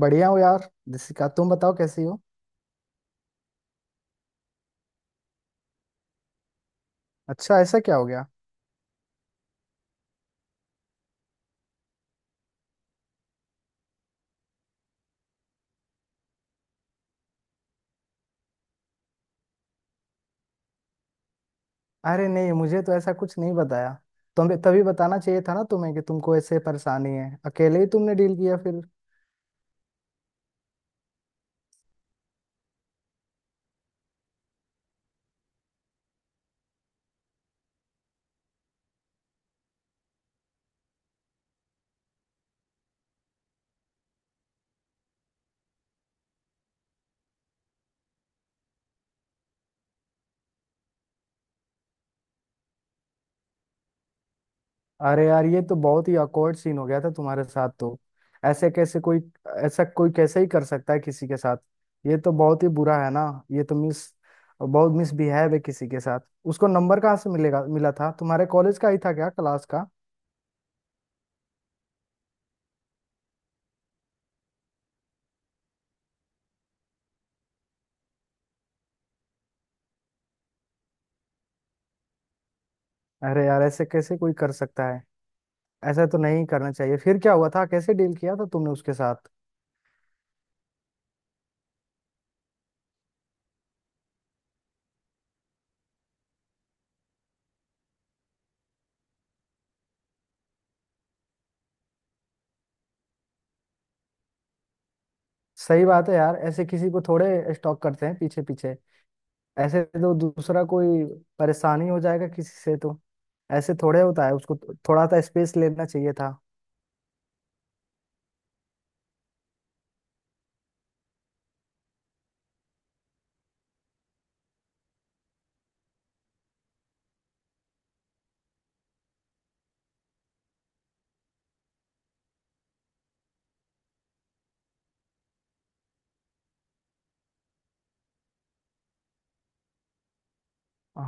बढ़िया हो यार दिसिका। तुम बताओ कैसी हो। अच्छा, ऐसा क्या हो गया। अरे नहीं, मुझे तो ऐसा कुछ नहीं बताया। तुम्हें तभी बताना चाहिए था ना तुम्हें कि तुमको ऐसे परेशानी है। अकेले ही तुमने डील किया फिर। अरे यार, ये तो बहुत ही awkward सीन हो गया था तुम्हारे साथ तो। ऐसे कैसे कोई, ऐसा कोई कैसे ही कर सकता है किसी के साथ। ये तो बहुत ही बुरा है ना। ये तो मिस, बहुत मिसबिहेव है किसी के साथ। उसको नंबर कहाँ से मिलेगा, मिला था तुम्हारे कॉलेज का ही था क्या, क्लास का? अरे यार, ऐसे कैसे कोई कर सकता है। ऐसा तो नहीं करना चाहिए। फिर क्या हुआ था, कैसे डील किया था तुमने उसके साथ? सही बात है यार, ऐसे किसी को थोड़े स्टॉक करते हैं पीछे पीछे। ऐसे तो दूसरा कोई परेशानी हो जाएगा किसी से तो। ऐसे थोड़े होता है, उसको तो थोड़ा सा स्पेस लेना चाहिए था।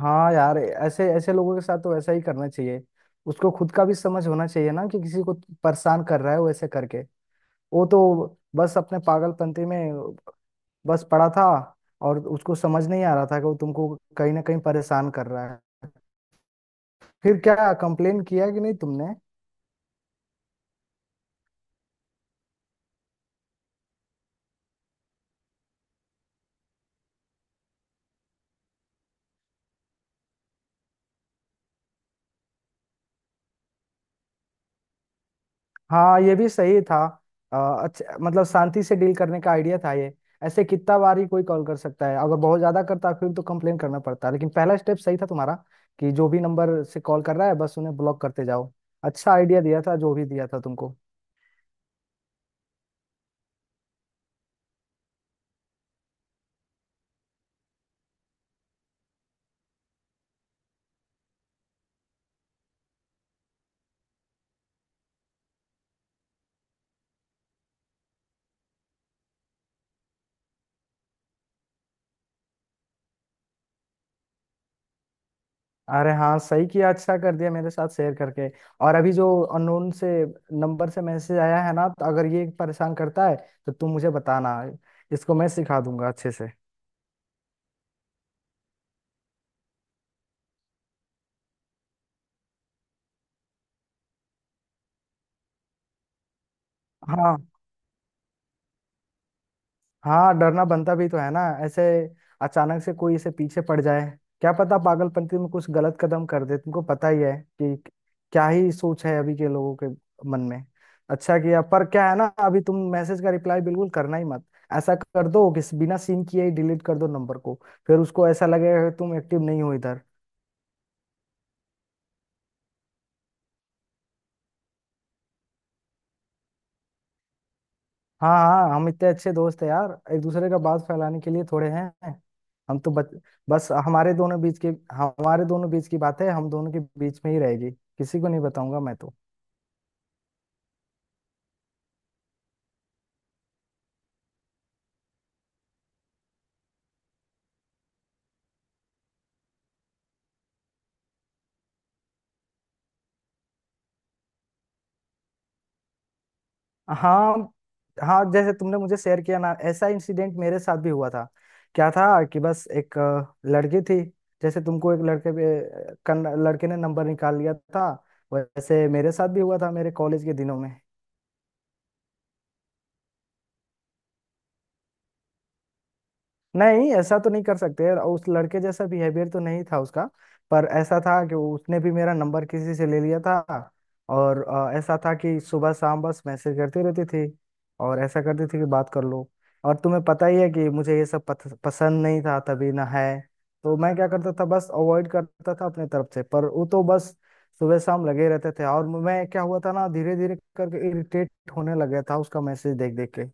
हाँ यार, ऐसे ऐसे लोगों के साथ तो ऐसा ही करना चाहिए। उसको खुद का भी समझ होना चाहिए ना कि किसी को परेशान कर रहा है वो ऐसे करके। वो तो बस अपने पागलपंती में बस पड़ा था और उसको समझ नहीं आ रहा था कि वो तुमको कहीं ना कहीं परेशान कर रहा है। फिर क्या कंप्लेन किया कि नहीं तुमने? हाँ, ये भी सही था। अच्छा, मतलब शांति से डील करने का आइडिया था ये। ऐसे कितना बार ही कोई कॉल कर सकता है? अगर बहुत ज्यादा करता फिर तो कंप्लेन करना पड़ता, लेकिन पहला स्टेप सही था तुम्हारा कि जो भी नंबर से कॉल कर रहा है बस उन्हें ब्लॉक करते जाओ। अच्छा आइडिया दिया था जो भी दिया था तुमको। अरे हाँ, सही किया, अच्छा कर दिया मेरे साथ शेयर करके। और अभी जो अननोन से नंबर से मैसेज आया है ना, तो अगर ये परेशान करता है तो तुम मुझे बताना, इसको मैं सिखा दूंगा अच्छे से। हाँ, हाँ डरना बनता भी तो है ना। ऐसे अचानक से कोई इसे पीछे पड़ जाए, क्या पता पागलपंती में कुछ गलत कदम कर दे। तुमको पता ही है कि क्या ही सोच है अभी के लोगों के मन में। अच्छा किया, पर क्या है ना, अभी तुम मैसेज का रिप्लाई बिल्कुल करना ही मत। ऐसा कर दो कि बिना सीन किए ही डिलीट कर दो नंबर को। फिर उसको ऐसा लगेगा कि तुम एक्टिव नहीं हो इधर। हाँ, हाँ हम इतने अच्छे दोस्त हैं यार, एक दूसरे का बात फैलाने के लिए थोड़े हैं। हम तो बच, बस हमारे दोनों बीच की, हमारे दोनों बीच की बात है, हम दोनों के बीच में ही रहेगी। किसी को नहीं बताऊंगा मैं तो। हाँ, हाँ जैसे तुमने मुझे शेयर किया ना, ऐसा इंसिडेंट मेरे साथ भी हुआ था। क्या था कि बस एक लड़की थी। जैसे तुमको एक लड़के ने नंबर निकाल लिया था, वैसे मेरे साथ भी हुआ था मेरे कॉलेज के दिनों में। नहीं, ऐसा तो नहीं कर सकते और उस लड़के जैसा बिहेवियर तो नहीं था उसका, पर ऐसा था कि उसने भी मेरा नंबर किसी से ले लिया था। और ऐसा था कि सुबह शाम बस मैसेज करती रहती थी और ऐसा करती थी कि बात कर लो। और तुम्हें पता ही है कि मुझे ये सब पसंद नहीं था तभी ना है। तो मैं क्या करता था, बस अवॉइड करता था अपने तरफ से, पर वो तो बस सुबह शाम लगे रहते थे। और मैं, क्या हुआ था ना, धीरे धीरे करके इरिटेट होने लगा था उसका मैसेज देख देख के।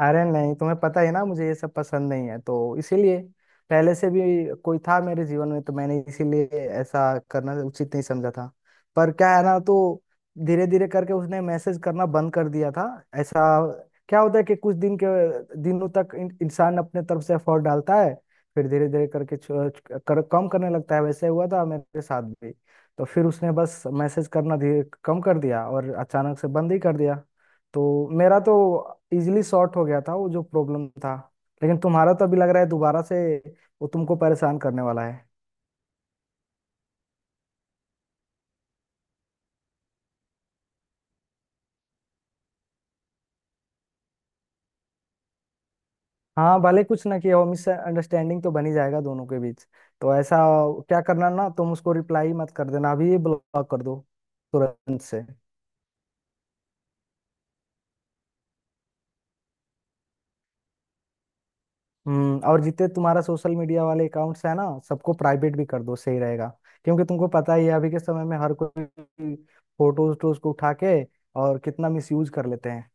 अरे नहीं, तुम्हें पता ही ना मुझे ये सब पसंद नहीं है, तो इसीलिए पहले से भी कोई था मेरे जीवन में, तो मैंने इसीलिए ऐसा करना उचित नहीं समझा था। पर क्या है ना, तो धीरे धीरे करके उसने मैसेज करना बंद कर दिया था। ऐसा क्या होता है कि कुछ दिनों तक इंसान अपने तरफ से एफर्ट डालता है, फिर धीरे धीरे करके कम करने लगता है। वैसे हुआ था मेरे साथ भी। तो फिर उसने बस मैसेज करना धीरे कम कर दिया और अचानक से बंद ही कर दिया। तो मेरा तो इजीली सॉर्ट हो गया था वो जो प्रॉब्लम था। लेकिन तुम्हारा तो अभी लग रहा है दोबारा से वो तुमको परेशान करने वाला है। हाँ, भले कुछ ना किया हो मिसअंडरस्टैंडिंग तो बनी जाएगा दोनों के बीच। तो ऐसा क्या करना ना, तुम उसको रिप्लाई मत कर देना, अभी ही ब्लॉक कर दो तुरंत से। हम्म, और जितने तुम्हारा सोशल मीडिया वाले अकाउंट्स है ना, सबको प्राइवेट भी कर दो, सही रहेगा। क्योंकि तुमको पता ही है अभी के समय में हर कोई फोटोज टोज को उठा के और कितना मिसयूज कर लेते हैं।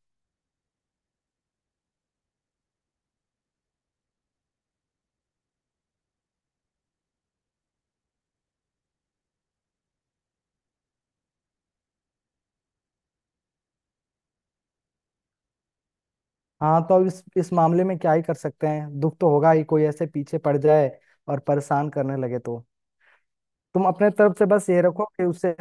हाँ, तो अब इस मामले में क्या ही कर सकते हैं, दुख तो होगा ही। कोई ऐसे पीछे पड़ जाए और परेशान करने लगे तो तुम अपने तरफ से बस ये रखो कि उससे,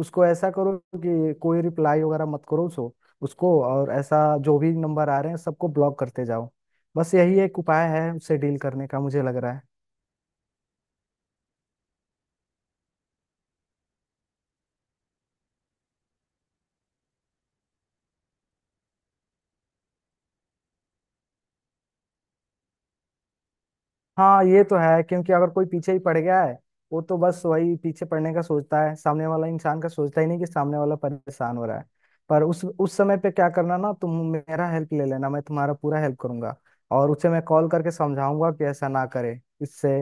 उसको ऐसा करो कि कोई रिप्लाई वगैरह मत करो उसको। उसको और ऐसा, जो भी नंबर आ रहे हैं सबको ब्लॉक करते जाओ। बस यही एक उपाय है उससे डील करने का, मुझे लग रहा है। हाँ, ये तो है क्योंकि अगर कोई पीछे ही पड़ गया है वो तो बस वही पीछे पड़ने का सोचता है, सामने वाला इंसान का सोचता ही नहीं कि सामने वाला परेशान हो रहा है। पर उस समय पे क्या करना ना, तुम मेरा हेल्प ले लेना, मैं तुम्हारा पूरा हेल्प करूंगा। और उसे मैं कॉल करके समझाऊंगा कि ऐसा ना करे, इससे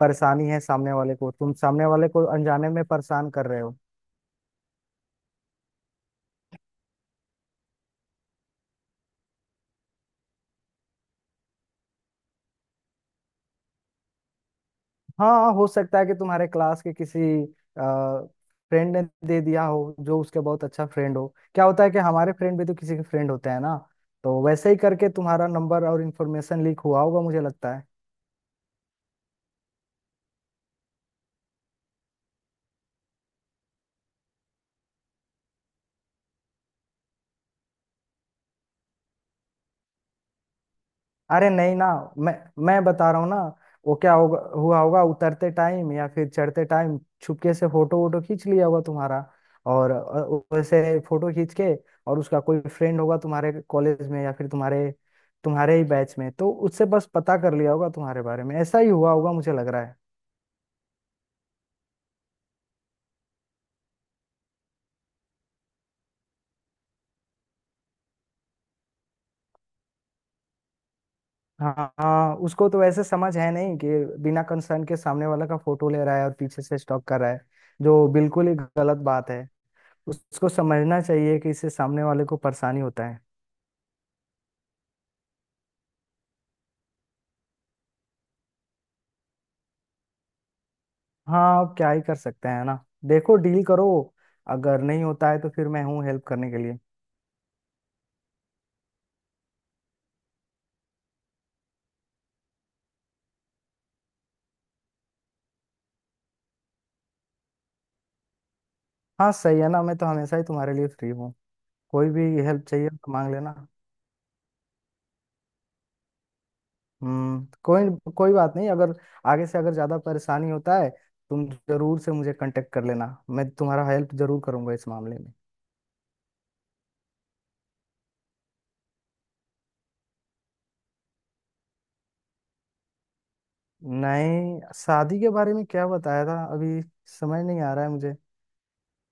परेशानी है सामने वाले को, तुम सामने वाले को अनजाने में परेशान कर रहे हो। हाँ, हो सकता है कि तुम्हारे क्लास के किसी फ्रेंड ने दे दिया हो, जो उसके बहुत अच्छा फ्रेंड हो। क्या होता है कि हमारे फ्रेंड भी तो किसी के फ्रेंड होते हैं ना, तो वैसे ही करके तुम्हारा नंबर और इन्फॉर्मेशन लीक हुआ होगा, मुझे लगता है। अरे नहीं ना, मैं मैं बता रहा हूँ ना, वो क्या होगा, हुआ होगा उतरते टाइम या फिर चढ़ते टाइम छुपके से फोटो वोटो खींच लिया होगा तुम्हारा। और वैसे फोटो खींच के और उसका कोई फ्रेंड होगा तुम्हारे कॉलेज में या फिर तुम्हारे तुम्हारे ही बैच में, तो उससे बस पता कर लिया होगा तुम्हारे बारे में। ऐसा ही हुआ होगा मुझे लग रहा है। हाँ, हाँ उसको तो वैसे समझ है नहीं कि बिना कंसर्न के सामने वाला का फोटो ले रहा है और पीछे से स्टॉक कर रहा है, जो बिल्कुल ही गलत बात है। उसको समझना चाहिए कि इससे सामने वाले को परेशानी होता है। हाँ, अब क्या ही कर सकते हैं ना, देखो डील करो, अगर नहीं होता है तो फिर मैं हूँ हेल्प करने के लिए। हाँ सही है ना, मैं तो हमेशा ही तुम्हारे लिए फ्री हूँ। कोई भी हेल्प चाहिए तो मांग लेना। हम्म, कोई कोई बात नहीं, अगर आगे से अगर ज्यादा परेशानी होता है तुम जरूर से मुझे कांटेक्ट कर लेना, मैं तुम्हारा हेल्प जरूर करूंगा इस मामले में। नहीं, शादी के बारे में क्या बताया था अभी, समझ नहीं आ रहा है मुझे।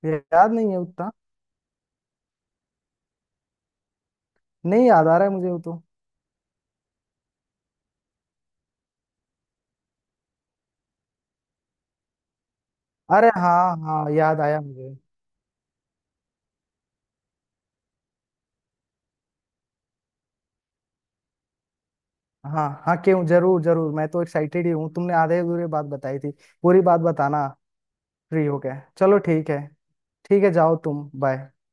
ये याद नहीं है उतना। नहीं याद आ रहा है मुझे वो तो। अरे हाँ, हाँ याद आया मुझे। हाँ, हाँ क्यों, जरूर जरूर, मैं तो एक्साइटेड ही हूँ, तुमने आधे अधूरे बात बताई थी। पूरी बात बताना फ्री होके। चलो ठीक है। ठीक है, जाओ तुम, बाय।